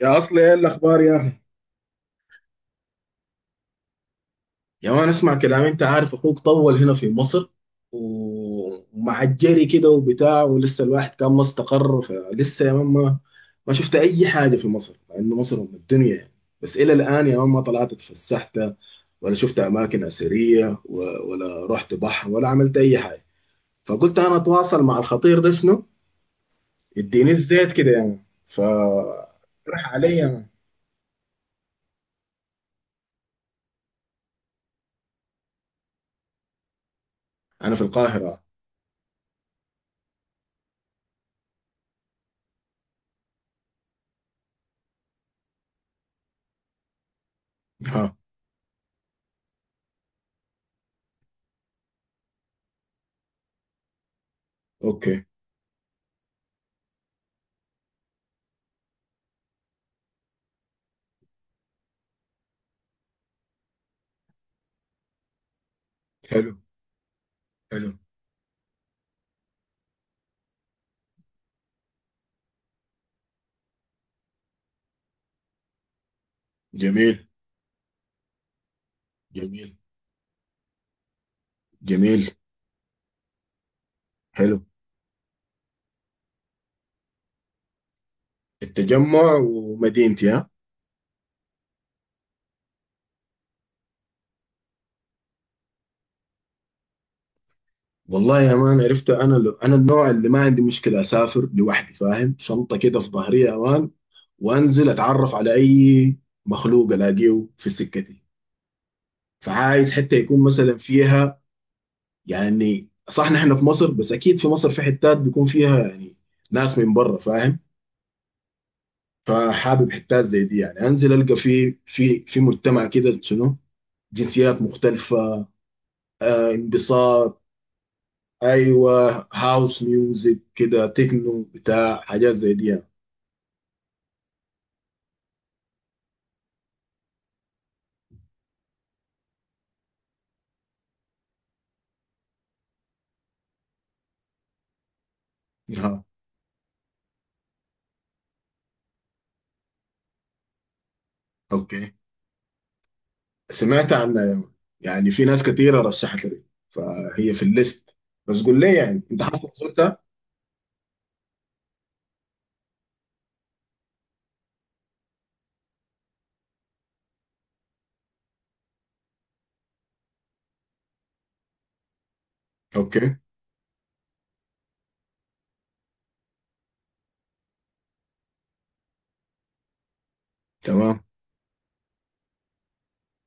يا اصلي ايه الاخبار يا اخي؟ يا مان اسمع كلامي، انت عارف اخوك طول هنا في مصر، ومع الجري كده وبتاع، ولسه الواحد كان ما استقر فلسه يا مان. ما شفت اي حاجه في مصر مع انه مصر ام الدنيا يعني. بس الى الان يا مان ما طلعت اتفسحت ولا شفت اماكن اثريه، ولا رحت بحر ولا عملت اي حاجه. فقلت انا اتواصل مع الخطير ده شنو، يديني الزيت كده يعني. ف راح علي يا مان. انا في القاهره. ها. اوكي. حلو. حلو. جميل جميل جميل. حلو. التجمع ومدينتي، ها. والله يا مان، عرفت انا لو انا النوع اللي ما عندي مشكله، اسافر لوحدي فاهم، شنطه كده في ظهري يا مان، وانزل اتعرف على اي مخلوق الاقيه في سكتي. فعايز حتى يكون مثلا فيها، يعني صح نحن في مصر بس اكيد في مصر في حتات بيكون فيها يعني ناس من بره فاهم. فحابب حتات زي دي، يعني انزل القى في مجتمع كده شنو، جنسيات مختلفة. آه، انبساط. ايوه، هاوس ميوزك كده، تكنو بتاع، حاجات زي دي يعني. ها. اوكي. سمعت عنها يا مان. يعني في ناس كتيره رشحت لي، فهي في الليست. بس قول لي يعني انت حاسس، زرتها؟ اوكي. تمام.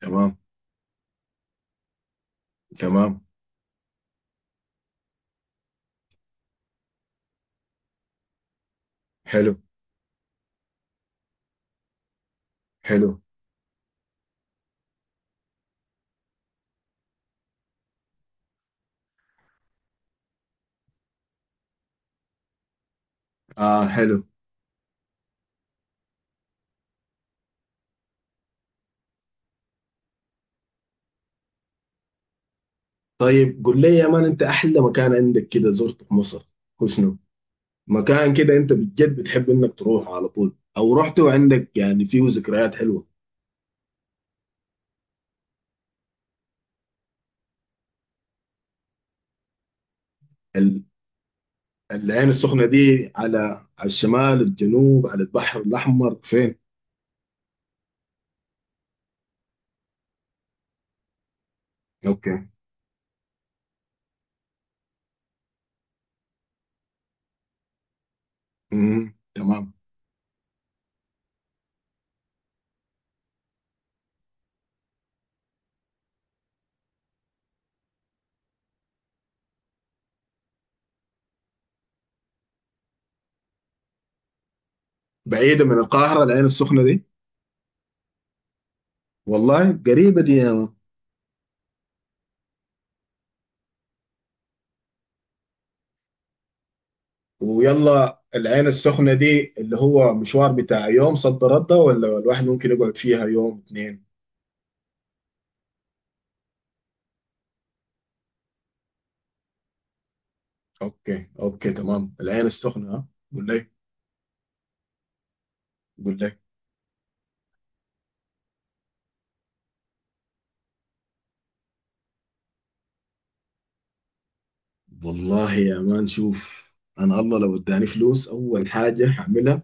تمام. تمام. حلو. حلو اه حلو. طيب قول لي يا مان، انت احلى مكان عندك كده زرته في مصر هو شنو؟ مكان كده انت بجد بتحب انك تروح على طول، او رحت وعندك يعني فيه ذكريات حلوه. العين السخنة دي على على الشمال الجنوب، على البحر الأحمر فين؟ أوكي. مم. تمام. بعيدة من القاهرة العين السخنة دي؟ والله قريبة دي يا مان. ويلا العين السخنة دي اللي هو مشوار بتاع يوم صد رد، ولا الواحد ممكن يقعد فيها يوم اتنين؟ أوكي أوكي تمام، العين السخنة، ها. قول لي قول لي. والله يا مان شوف، أنا الله لو اداني فلوس أول حاجة هعملها،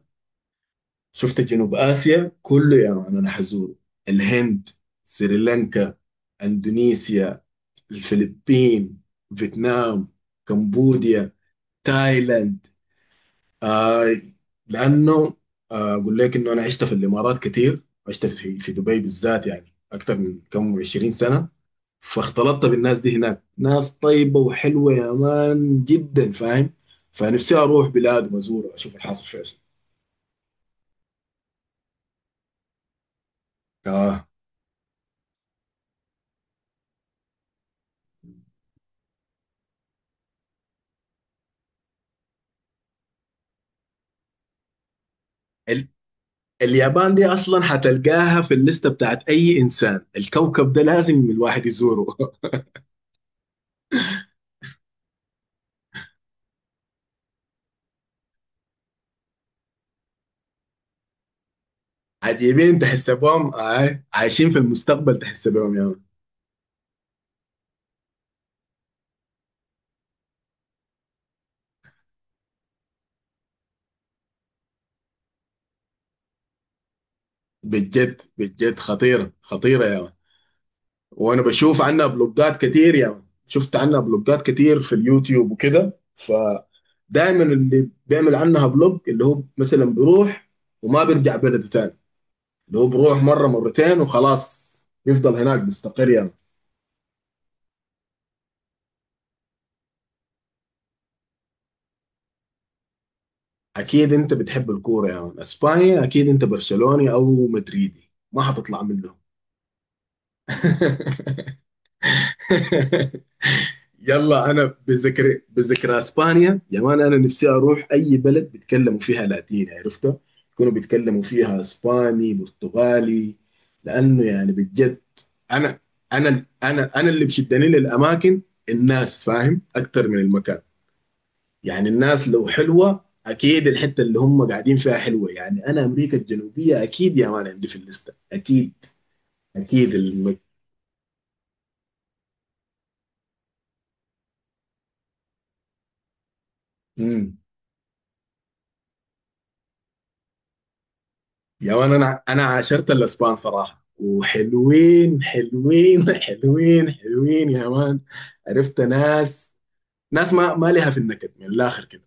شفت جنوب آسيا كله يا مان، أنا حزوره. الهند، سريلانكا، أندونيسيا، الفلبين، فيتنام، كمبوديا، تايلاند. آه. لأنه آه أقول لك إنه أنا عشت في الإمارات كتير، عشت في دبي بالذات يعني أكتر من كم 20 سنة. فاختلطت بالناس دي هناك، ناس طيبة وحلوة يا مان جدا فاهم. فنفسي أروح بلاد وأزور أشوف الحاصل فيها شنو. آه، اليابان دي اصلا حتلقاها في الليسته بتاعت اي انسان، الكوكب ده لازم الواحد يزوره. عجيبين تحس بهم آه. عايشين في المستقبل تحس بهم يا مان. بجد بجد، خطيره خطيره يا مان. وانا بشوف عنها بلوجات كتير يا مان. شفت عنها بلوجات كتير في اليوتيوب وكده. فدايما اللي بيعمل عنها بلوج اللي هو مثلا بيروح وما بيرجع بلده تاني، اللي هو بيروح مره مرتين وخلاص، يفضل هناك مستقر يا مان. اكيد انت بتحب الكوره يا يعني. اسبانيا، اكيد انت برشلوني او مدريدي ما حتطلع منه. يلا، انا بذكر اسبانيا يا مان، انا نفسي اروح اي بلد بيتكلموا فيها لاتيني عرفته، يكونوا بيتكلموا فيها اسباني برتغالي، لانه يعني بجد، انا انا اللي بشدني للاماكن الناس فاهم اكتر من المكان. يعني الناس لو حلوة، أكيد الحتة اللي هم قاعدين فيها حلوة. يعني أنا أمريكا الجنوبية أكيد يا مان عندي في الليستة أكيد. أكيد الم... مم. يا مان، أنا عاشرت الأسبان صراحة، وحلوين حلوين حلوين حلوين يا مان. عرفت ناس، ناس ما ليها في النكد من الآخر كده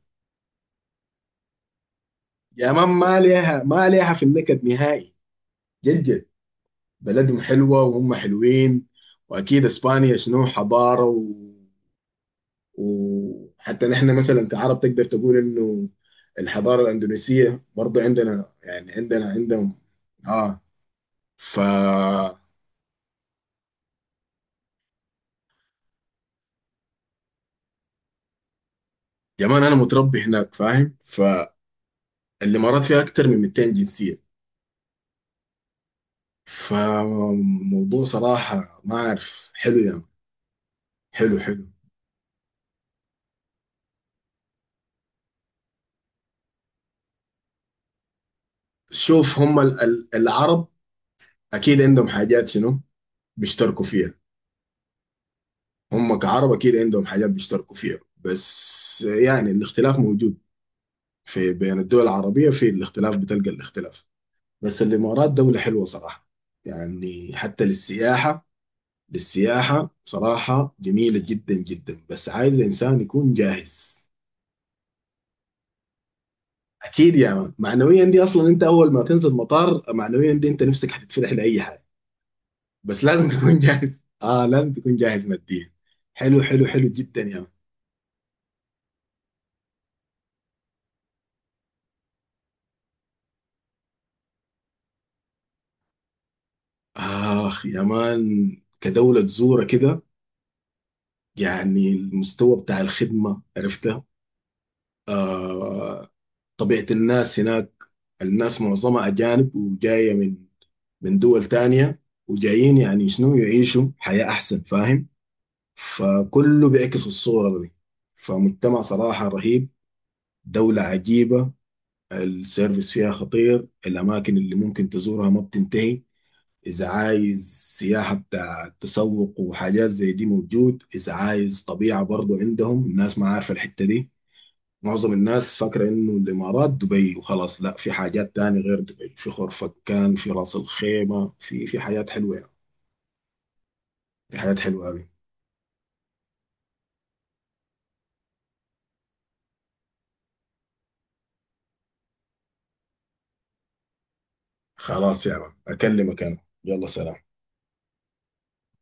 يا مان، ما ليها ما ليها في النكد نهائي. جد جد. بلدهم حلوة وهم حلوين، وأكيد إسبانيا شنو، حضارة. وحتى نحن مثلا كعرب تقدر تقول انه الحضارة الأندونيسية برضو عندنا، يعني عندنا عندهم. اه. ف يا مان انا متربي هناك فاهم. فالامارات فيها اكتر من 200 جنسية، فموضوع صراحة ما اعرف، حلو يعني. حلو حلو. شوف، هم العرب اكيد عندهم حاجات شنو، بيشتركوا فيها. هم كعرب اكيد عندهم حاجات بيشتركوا فيها، بس يعني الاختلاف موجود. في بين الدول العربية في الاختلاف، بتلقى الاختلاف. بس الإمارات دولة حلوة صراحة، يعني حتى للسياحة. للسياحة بصراحة جميلة جدا جدا، بس عايز إنسان يكون جاهز. أكيد يا مان، معنويا دي أصلا أنت أول ما تنزل مطار معنويا دي أنت نفسك هتتفتح لأي حاجة. بس لازم تكون جاهز آه، لازم تكون جاهز ماديا. حلو حلو حلو جدا يا مان. آخ يا مان، كدولة تزورها كده، يعني المستوى بتاع الخدمة عرفتها، آه، طبيعة الناس هناك، الناس معظمها أجانب وجاية من من دول تانية، وجايين يعني شنو يعيشوا حياة أحسن فاهم، فكله بيعكس الصورة دي. فمجتمع صراحة رهيب، دولة عجيبة، السيرفيس فيها خطير، الأماكن اللي ممكن تزورها ما بتنتهي. إذا عايز سياحة بتاع تسوق وحاجات زي دي موجود، إذا عايز طبيعة برضو عندهم، الناس ما عارفة الحتة دي. معظم الناس فاكرة إنه الإمارات دبي وخلاص، لا في حاجات تاني غير دبي، في خرفكان، في راس الخيمة، في حاجات حلوة يعني. في حاجات حلوة أوي. خلاص يا عم، أكلمك أنا. يلا سلام.